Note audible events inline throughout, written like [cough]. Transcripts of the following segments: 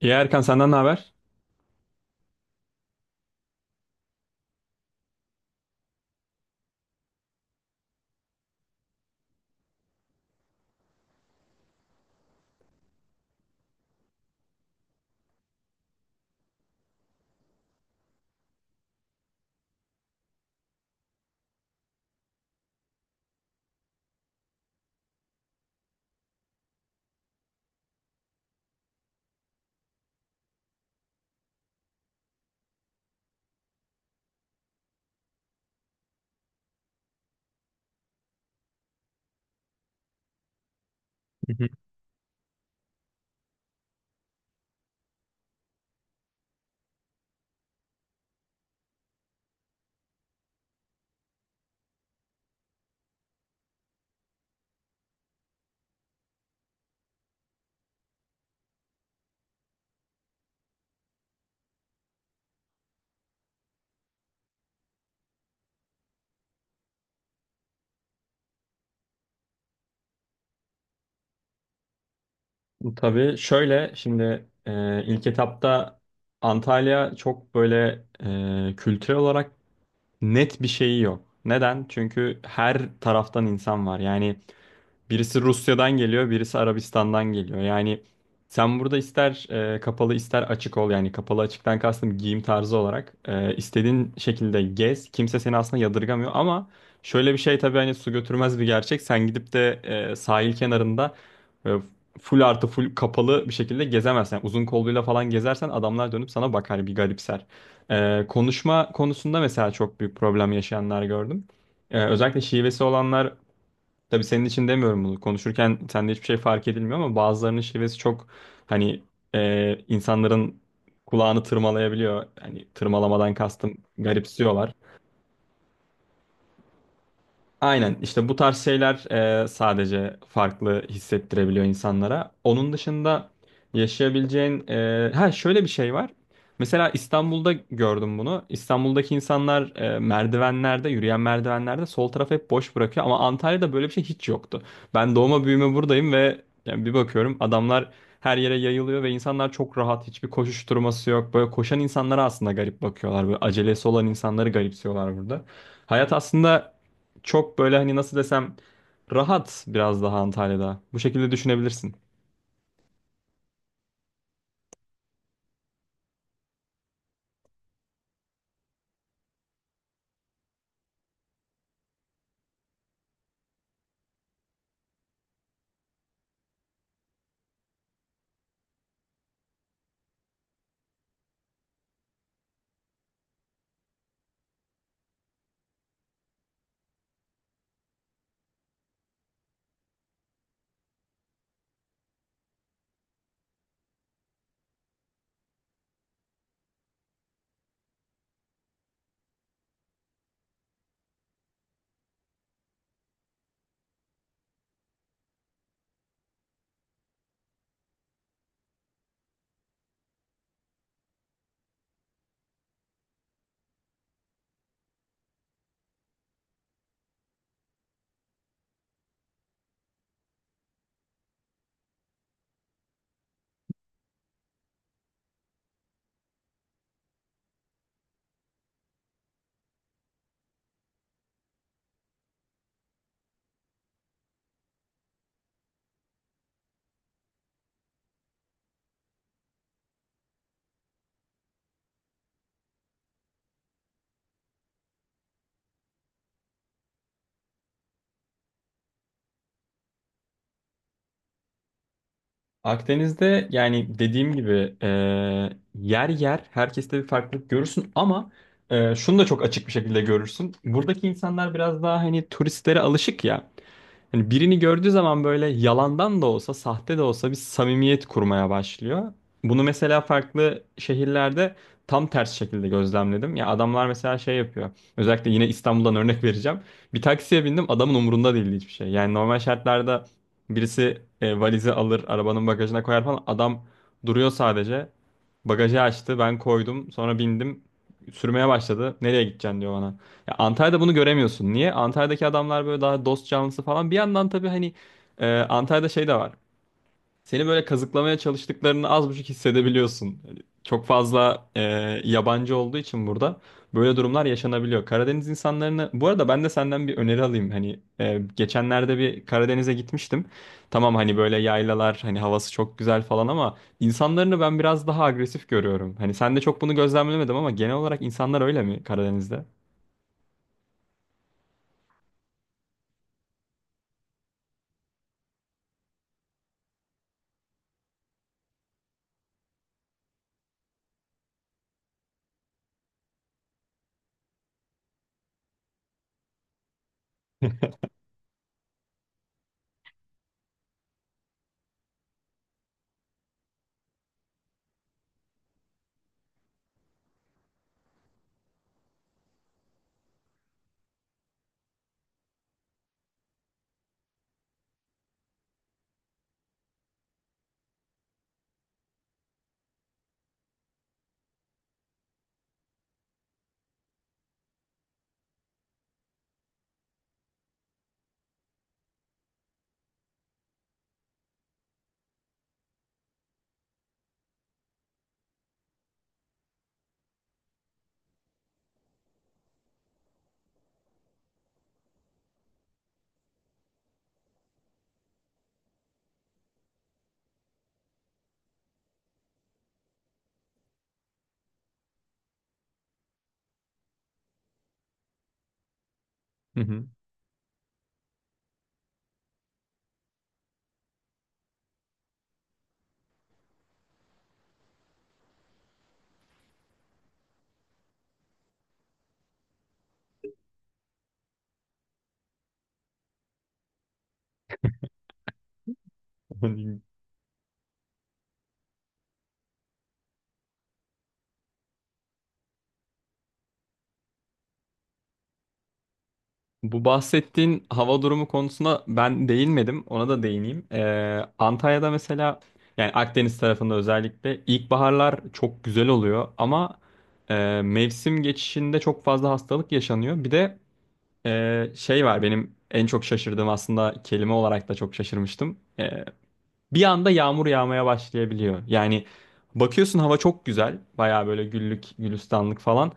İyi Erkan, senden ne haber? Hı hı. Tabii şöyle, şimdi ilk etapta Antalya çok böyle kültürel olarak net bir şeyi yok. Neden? Çünkü her taraftan insan var. Yani birisi Rusya'dan geliyor, birisi Arabistan'dan geliyor. Yani sen burada ister kapalı ister açık ol. Yani kapalı açıktan kastım giyim tarzı olarak. İstediğin şekilde gez. Kimse seni aslında yadırgamıyor ama şöyle bir şey, tabii hani su götürmez bir gerçek. Sen gidip de sahil kenarında e, full artı full kapalı bir şekilde gezemezsin. Yani uzun kolluyla falan gezersen adamlar dönüp sana bakar, hani bir garipser. Konuşma konusunda mesela çok büyük problem yaşayanlar gördüm. Özellikle şivesi olanlar, tabii senin için demiyorum bunu. Konuşurken sende hiçbir şey fark edilmiyor ama bazılarının şivesi çok, hani insanların kulağını tırmalayabiliyor. Hani tırmalamadan kastım, garipsiyorlar. Aynen, işte bu tarz şeyler sadece farklı hissettirebiliyor insanlara. Onun dışında yaşayabileceğin ha, şöyle bir şey var. Mesela İstanbul'da gördüm bunu. İstanbul'daki insanlar merdivenlerde, yürüyen merdivenlerde sol tarafı hep boş bırakıyor ama Antalya'da böyle bir şey hiç yoktu. Ben doğma büyüme buradayım ve yani bir bakıyorum, adamlar her yere yayılıyor ve insanlar çok rahat, hiçbir koşuşturması yok. Böyle koşan insanlara aslında garip bakıyorlar. Böyle acelesi olan insanları garipsiyorlar burada. Hayat aslında çok böyle, hani nasıl desem, rahat biraz daha Antalya'da. Bu şekilde düşünebilirsin. Akdeniz'de, yani dediğim gibi, yer yer herkeste bir farklılık görürsün ama şunu da çok açık bir şekilde görürsün. Buradaki insanlar biraz daha hani turistlere alışık ya. Hani birini gördüğü zaman böyle yalandan da olsa, sahte de olsa bir samimiyet kurmaya başlıyor. Bunu mesela farklı şehirlerde tam ters şekilde gözlemledim. Ya adamlar mesela şey yapıyor. Özellikle yine İstanbul'dan örnek vereceğim. Bir taksiye bindim, adamın umurunda değildi hiçbir şey. Yani normal şartlarda birisi valizi alır, arabanın bagajına koyar falan. Adam duruyor sadece. Bagajı açtı, ben koydum, sonra bindim. Sürmeye başladı. Nereye gideceksin diyor bana. Ya Antalya'da bunu göremiyorsun. Niye? Antalya'daki adamlar böyle daha dost canlısı falan. Bir yandan tabii hani Antalya'da şey de var. Seni böyle kazıklamaya çalıştıklarını az buçuk hissedebiliyorsun. Hani çok fazla yabancı olduğu için burada böyle durumlar yaşanabiliyor. Karadeniz insanlarını... Bu arada ben de senden bir öneri alayım. Hani geçenlerde bir Karadeniz'e gitmiştim. Tamam, hani böyle yaylalar, hani havası çok güzel falan ama insanlarını ben biraz daha agresif görüyorum. Hani sen de çok bunu gözlemlemedim ama genel olarak insanlar öyle mi Karadeniz'de? [laughs] [laughs] Hani bu bahsettiğin hava durumu konusuna ben değinmedim. Ona da değineyim. Antalya'da mesela, yani Akdeniz tarafında özellikle ilkbaharlar çok güzel oluyor ama mevsim geçişinde çok fazla hastalık yaşanıyor. Bir de şey var, benim en çok şaşırdığım, aslında kelime olarak da çok şaşırmıştım. Bir anda yağmur yağmaya başlayabiliyor. Yani bakıyorsun, hava çok güzel. Baya böyle güllük, gülistanlık falan.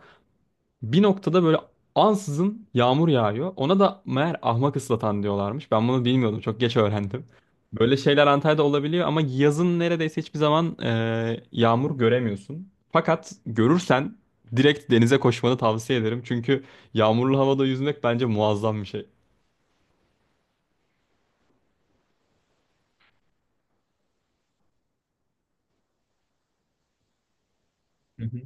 Bir noktada böyle ansızın yağmur yağıyor. Ona da meğer ahmak ıslatan diyorlarmış. Ben bunu bilmiyordum. Çok geç öğrendim. Böyle şeyler Antalya'da olabiliyor ama yazın neredeyse hiçbir zaman yağmur göremiyorsun. Fakat görürsen direkt denize koşmanı tavsiye ederim. Çünkü yağmurlu havada yüzmek bence muazzam bir şey. Hı hı.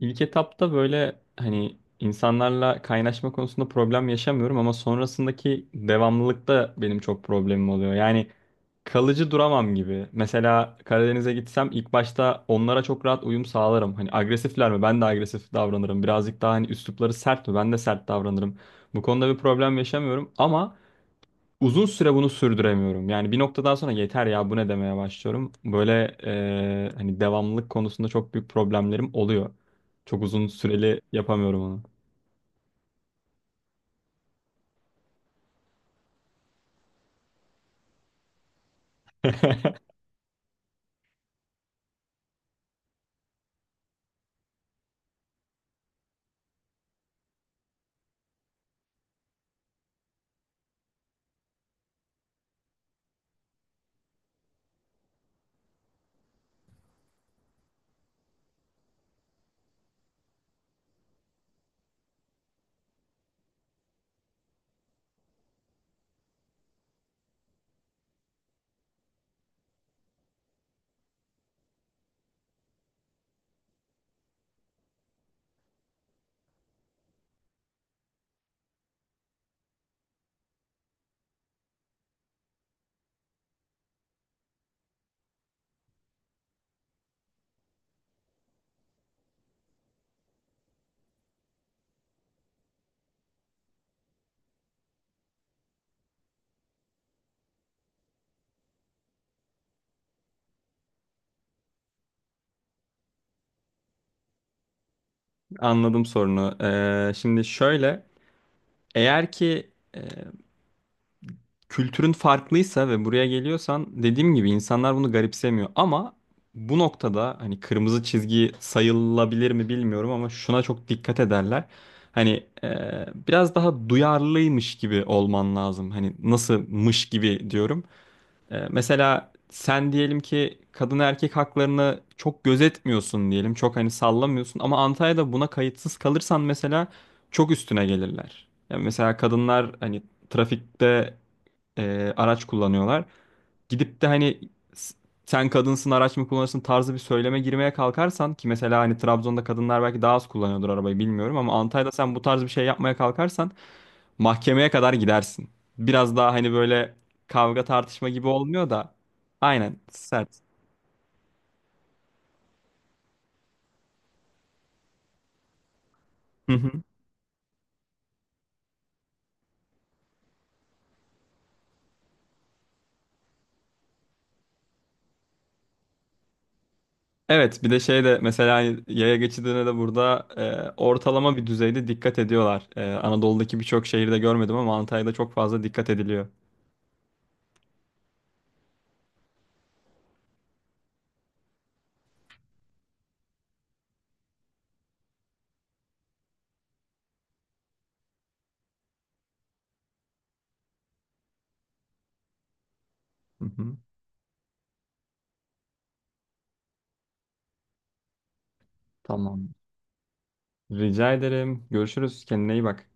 İlk etapta böyle hani insanlarla kaynaşma konusunda problem yaşamıyorum ama sonrasındaki devamlılıkta benim çok problemim oluyor. Yani kalıcı duramam gibi. Mesela Karadeniz'e gitsem ilk başta onlara çok rahat uyum sağlarım. Hani agresifler mi? Ben de agresif davranırım. Birazcık daha hani üslupları sert mi? Ben de sert davranırım. Bu konuda bir problem yaşamıyorum ama uzun süre bunu sürdüremiyorum. Yani bir noktadan sonra yeter ya bu, ne demeye başlıyorum. Böyle hani devamlılık konusunda çok büyük problemlerim oluyor. Çok uzun süreli yapamıyorum onu. [laughs] Anladım sorunu. Şimdi şöyle, eğer ki kültürün farklıysa ve buraya geliyorsan, dediğim gibi insanlar bunu garipsemiyor. Ama bu noktada hani kırmızı çizgi sayılabilir mi bilmiyorum ama şuna çok dikkat ederler. Hani biraz daha duyarlıymış gibi olman lazım. Hani nasılmış gibi diyorum. Mesela sen diyelim ki kadın erkek haklarını çok gözetmiyorsun diyelim. Çok hani sallamıyorsun ama Antalya'da buna kayıtsız kalırsan mesela çok üstüne gelirler. Yani mesela kadınlar hani trafikte araç kullanıyorlar. Gidip de hani s- sen kadınsın, araç mı kullanırsın tarzı bir söyleme girmeye kalkarsan, ki mesela hani Trabzon'da kadınlar belki daha az kullanıyordur arabayı bilmiyorum, ama Antalya'da sen bu tarz bir şey yapmaya kalkarsan mahkemeye kadar gidersin. Biraz daha hani böyle kavga tartışma gibi olmuyor da aynen sert. Hı hı. Evet, bir de şey de mesela hani yaya geçidine de burada ortalama bir düzeyde dikkat ediyorlar. Anadolu'daki birçok şehirde görmedim ama Antalya'da çok fazla dikkat ediliyor. Hı hı. Tamam. Rica ederim. Görüşürüz. Kendine iyi bak.